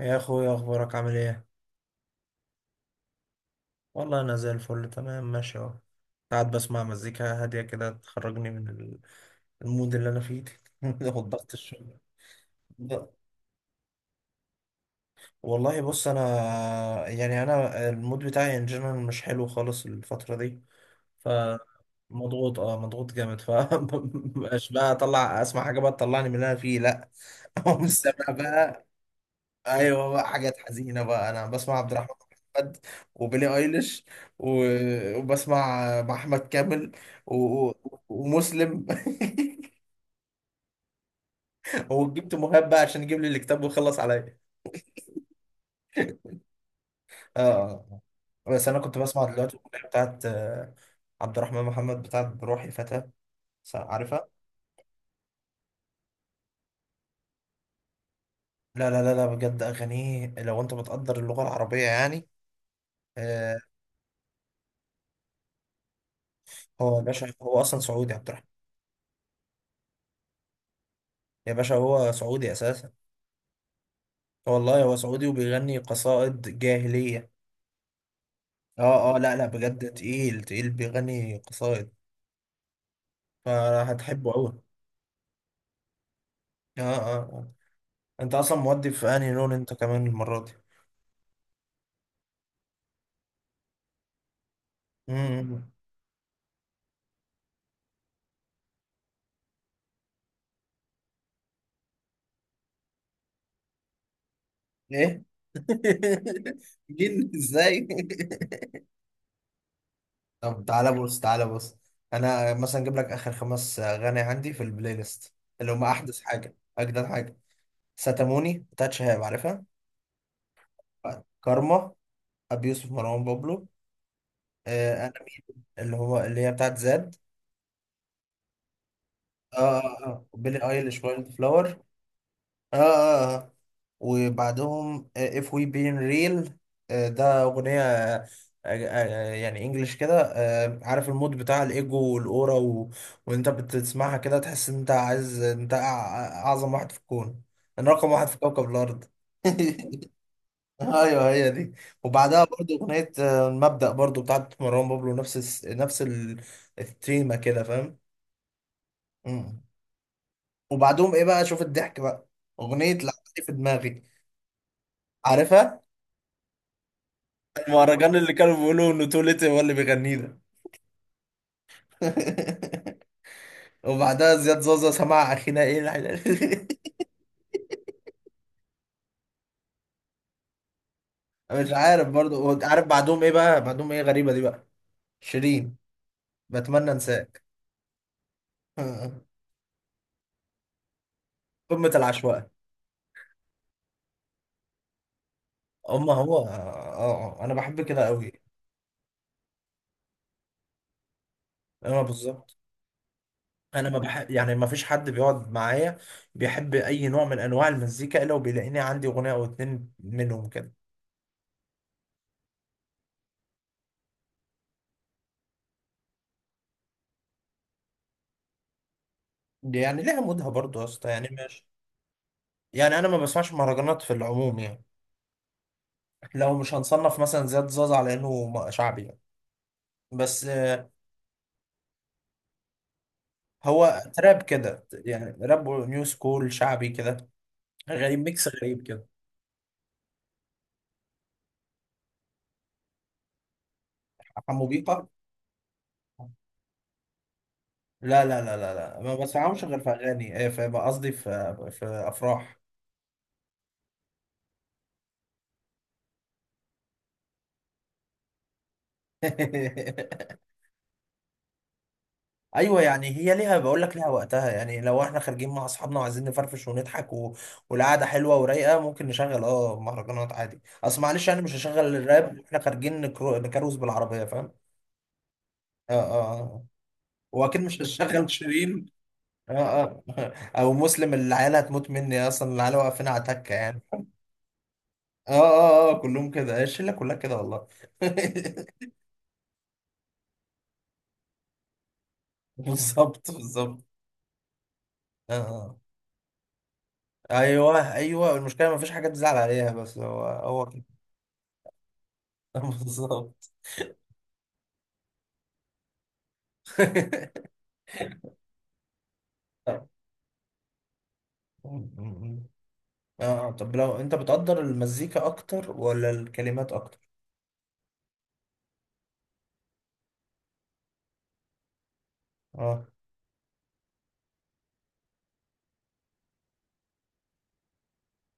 يا اخويا، اخبارك عامل ايه؟ والله انا زي الفل، تمام، ماشي اهو. قاعد بسمع مزيكا هاديه كده تخرجني من المود اللي انا فيه. والضغط، الشغل. لا، والله بص. انا يعني انا المود بتاعي ان جنرال مش حلو خالص الفتره دي. فمضغوط اه مضغوط جامد. ف مش بقى اطلع اسمع حاجه بقى تطلعني من اللي انا فيه. لا، اقوم سامع بقى ايوه بقى حاجات حزينه بقى. انا بسمع عبد الرحمن محمد، وبيلي ايليش، وبسمع احمد كامل، و... ومسلم. وجبت مهاب بقى عشان يجيب لي الكتاب ويخلص عليا. اه. آه. بس انا كنت بسمع دلوقتي الأغنية بتاعت عبد الرحمن محمد، بتاعت بروحي فتى. عارفها؟ لا، بجد اغانيه لو انت بتقدر اللغه العربيه يعني. آه، هو يا باشا، هو اصلا سعودي، عبد الرحمن. يا باشا، هو سعودي اساسا. والله هو سعودي وبيغني قصائد جاهلية. اه. اه. لا، بجد تقيل، تقيل، بيغني قصائد. فهتحبه أوي. اه. اه. آه. انت اصلا مودي في انهي لون انت، كمان المرة دي؟ امم ايه؟ جن ازاي؟ طب تعالى بص، تعالى بص. انا مثلا اجيب لك اخر خمس اغاني عندي في البلاي ليست، اللي هم احدث حاجة، اجدد حاجة. ستاموني بتاعت شهاب، عارفها. كارما، ابي يوسف، مروان بابلو. آه، انا مين اللي هو اللي هي بتاعت زاد. اه. اه. اه بيلي ايليش وايلد فلاور. اه. اه. اه. وبعدهم اف وي بين ريل. ده اغنيه، آه، يعني انجلش كده. عارف المود بتاع الايجو والاورا وانت بتسمعها كده تحس ان انت عايز انت اعظم واحد في الكون. انا رقم واحد في كوكب الارض. ايوه، هي دي. وبعدها برضو اغنيه، المبدأ، برضو بتاعت مروان بابلو، نفس نفس التيمه كده، فاهم؟ مم. وبعدهم ايه بقى، شوف الضحك بقى، اغنيه لعبتي في دماغي، عارفها؟ المهرجان اللي كانوا بيقولوا انه توليت هو اللي بيغنيه ده. وبعدها زياد زازا سمع اخينا ايه الحلال. مش عارف برضو، عارف بعدهم ايه بقى، بعدهم ايه غريبه دي بقى، شيرين، بتمنى انساك. قمه العشوائيه. اما هو، آه. انا بحب كده قوي. انا بالظبط. انا ما بح... يعني ما فيش حد بيقعد معايا بيحب اي نوع من انواع المزيكا الا وبيلاقيني عندي اغنيه او اتنين منهم كده. دي يعني ليها مودها برضه يا اسطى، يعني ماشي. يعني انا ما بسمعش مهرجانات في العموم يعني. لو مش هنصنف مثلا زياد زازا على انه شعبي يعني. بس، هو تراب كده، يعني راب نيو سكول شعبي كده، غريب، ميكس غريب كده. حمو بيقا؟ لا، ما بسمعهمش غير في اغاني، في، قصدي في افراح. ايوه، يعني هي ليها، بقول لك ليها وقتها. يعني لو احنا خارجين مع اصحابنا وعايزين نفرفش ونضحك والقعده حلوه ورايقه، ممكن نشغل اه مهرجانات عادي. اصل معلش يعني مش هشغل الراب واحنا خارجين نكروز بالعربيه، فاهم؟ اه. اه. آه. واكيد مش هشغل شيرين. اه. اه. او مسلم، العيال هتموت مني اصلا، العيال واقفين على تكه يعني. اه. اه. اه كلهم كده، الشله كلها كده والله. بالظبط، بالظبط. اه. آه. ايوه، ايوه، المشكله ما فيش حاجه تزعل عليها، بس هو كده. بالظبط. اه. طب لو انت بتقدر المزيكا اكتر ولا الكلمات اكتر؟ اه.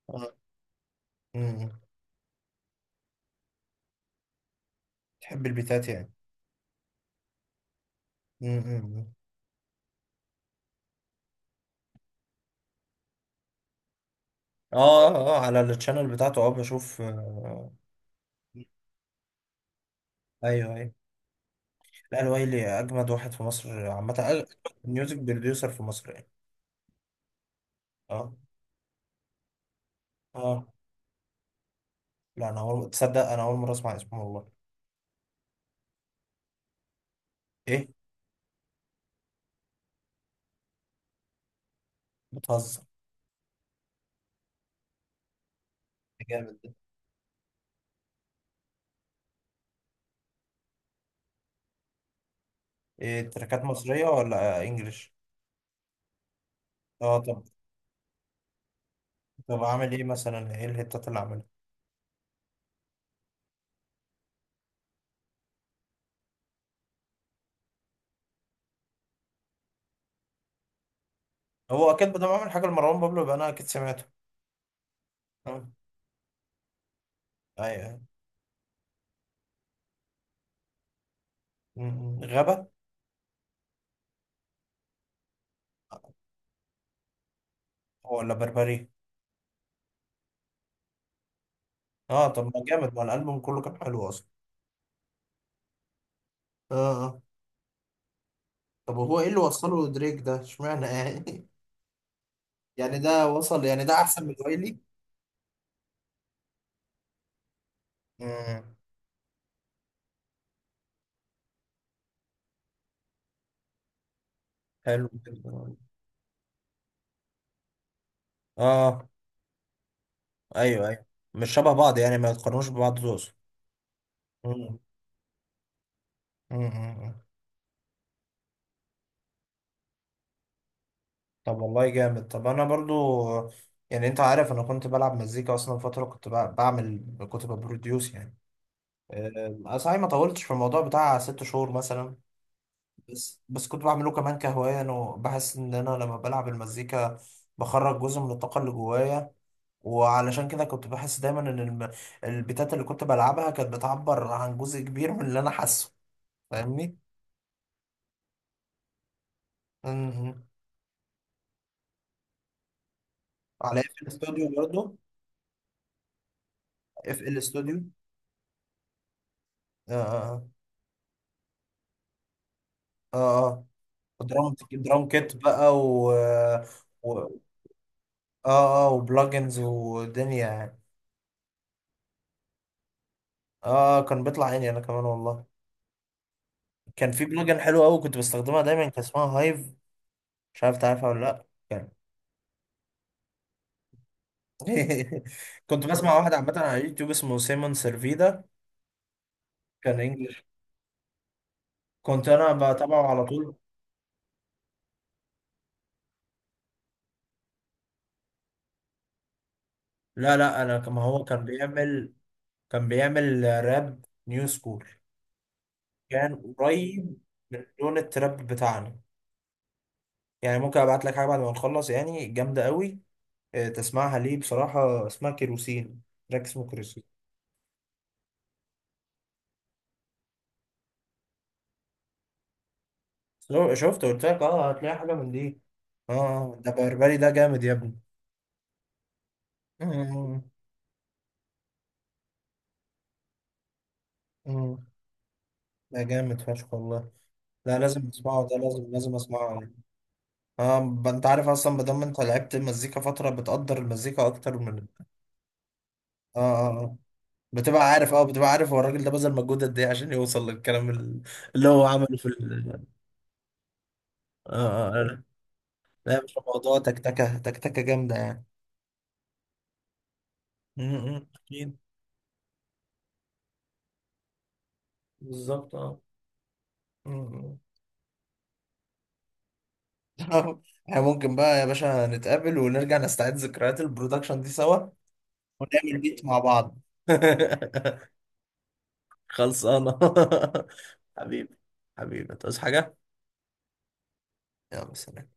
آه. امم تحب البيتات يعني؟ امم اه، اه، على التشانل بتاعته. اه، بشوف. ايوه، ايوه. لا، الويلي اجمد واحد في مصر عامه، اجمد ميوزك بروديوسر في مصر يعني. اه. اه. لا انا تصدق انا اول مره اسمع اسمه والله. ايه؟ بتهزر! ده جامد ده. ايه، تراكات مصريه ولا انجليش؟ اه، طب، طب عامل ايه مثلا، ايه الهيتات اللي عاملها؟ هو اكيد بدل ما عمل حاجه لمروان بابلو يبقى انا اكيد سمعته. اه. ايوه. م- م. غابه؟ ولا بربري؟ اه، طب ما جامد، ما الالبوم كله كان حلو اصلا. اه. اه. طب هو ايه اللي وصله دريك ده، اشمعنى يعني؟ يعني ده وصل، يعني ده احسن من ويلي؟ امم حلو جدا. اه. ايوه، ايوه. مش شبه بعض يعني، ما يتقارنوش ببعض، تقصد؟ مم. مم. مم. طب والله جامد. طب انا برضو، يعني انت عارف انا كنت بلعب مزيكا اصلا فتره، كنت بعمل، كنت ببروديوس يعني. أنا صحيح ما طولتش في الموضوع بتاع ست شهور مثلا، بس كنت بعمله كمان كهواية، أنا. وبحس إن أنا لما بلعب المزيكا بخرج جزء من الطاقة اللي جوايا، وعلشان كده كنت بحس دايما إن البيتات اللي كنت بلعبها كانت بتعبر عن جزء كبير من اللي أنا حاسه، فاهمني؟ مهم. على اف الاستوديو برضه. اف الاستوديو. اه. اه. اه. آه. درام كيت بقى، و و- اه. اه وبلجنز ودنيا يعني. اه. آه. كان بيطلع عيني انا كمان والله. كان في بلوجر حلو قوي كنت بستخدمها دايما، كان اسمها هايف، مش عارف تعرفها ولا لا، كان. كنت بسمع واحد عامة على يوتيوب اسمه سيمون سيرفيدا. كان انجلش. كنت انا بتابعه على طول. لا، لا، انا كما هو كان بيعمل، كان بيعمل راب نيو سكول. كان قريب من لون التراب بتاعنا. يعني ممكن ابعت لك حاجة بعد ما نخلص يعني، جامدة قوي، تسمعها ليه بصراحة. اسمها كيروسين، تراك اسمه كيروسين. شو- شفت قلت لك اه هتلاقي حاجة من دي اه. آه. ده بربري ده، جامد يا ابني. مم. مم. ده جامد فشخ والله. لا لازم اسمعه ده، لازم، لازم اسمعه يعني. اه. انت عارف اصلا ما دام انت لعبت مزيكا فترة بتقدر المزيكا اكتر من. اه. اه. آه. بتبقى عارف، اه بتبقى عارف هو الراجل ده بذل مجهود قد ايه عشان يوصل للكلام اللي هو عمله في اه. اه. آه. لا، مش موضوع، تكتكة، تكتكة جامدة يعني. مم، اكيد. بالظبط. اه. مم، مم. احنا ممكن بقى يا باشا نتقابل ونرجع نستعيد ذكريات البرودكشن دي سوا، ونعمل بيت مع بعض. خلصانة. حبيبي، حبيبي، تصحى حاجة؟ يلا سلام.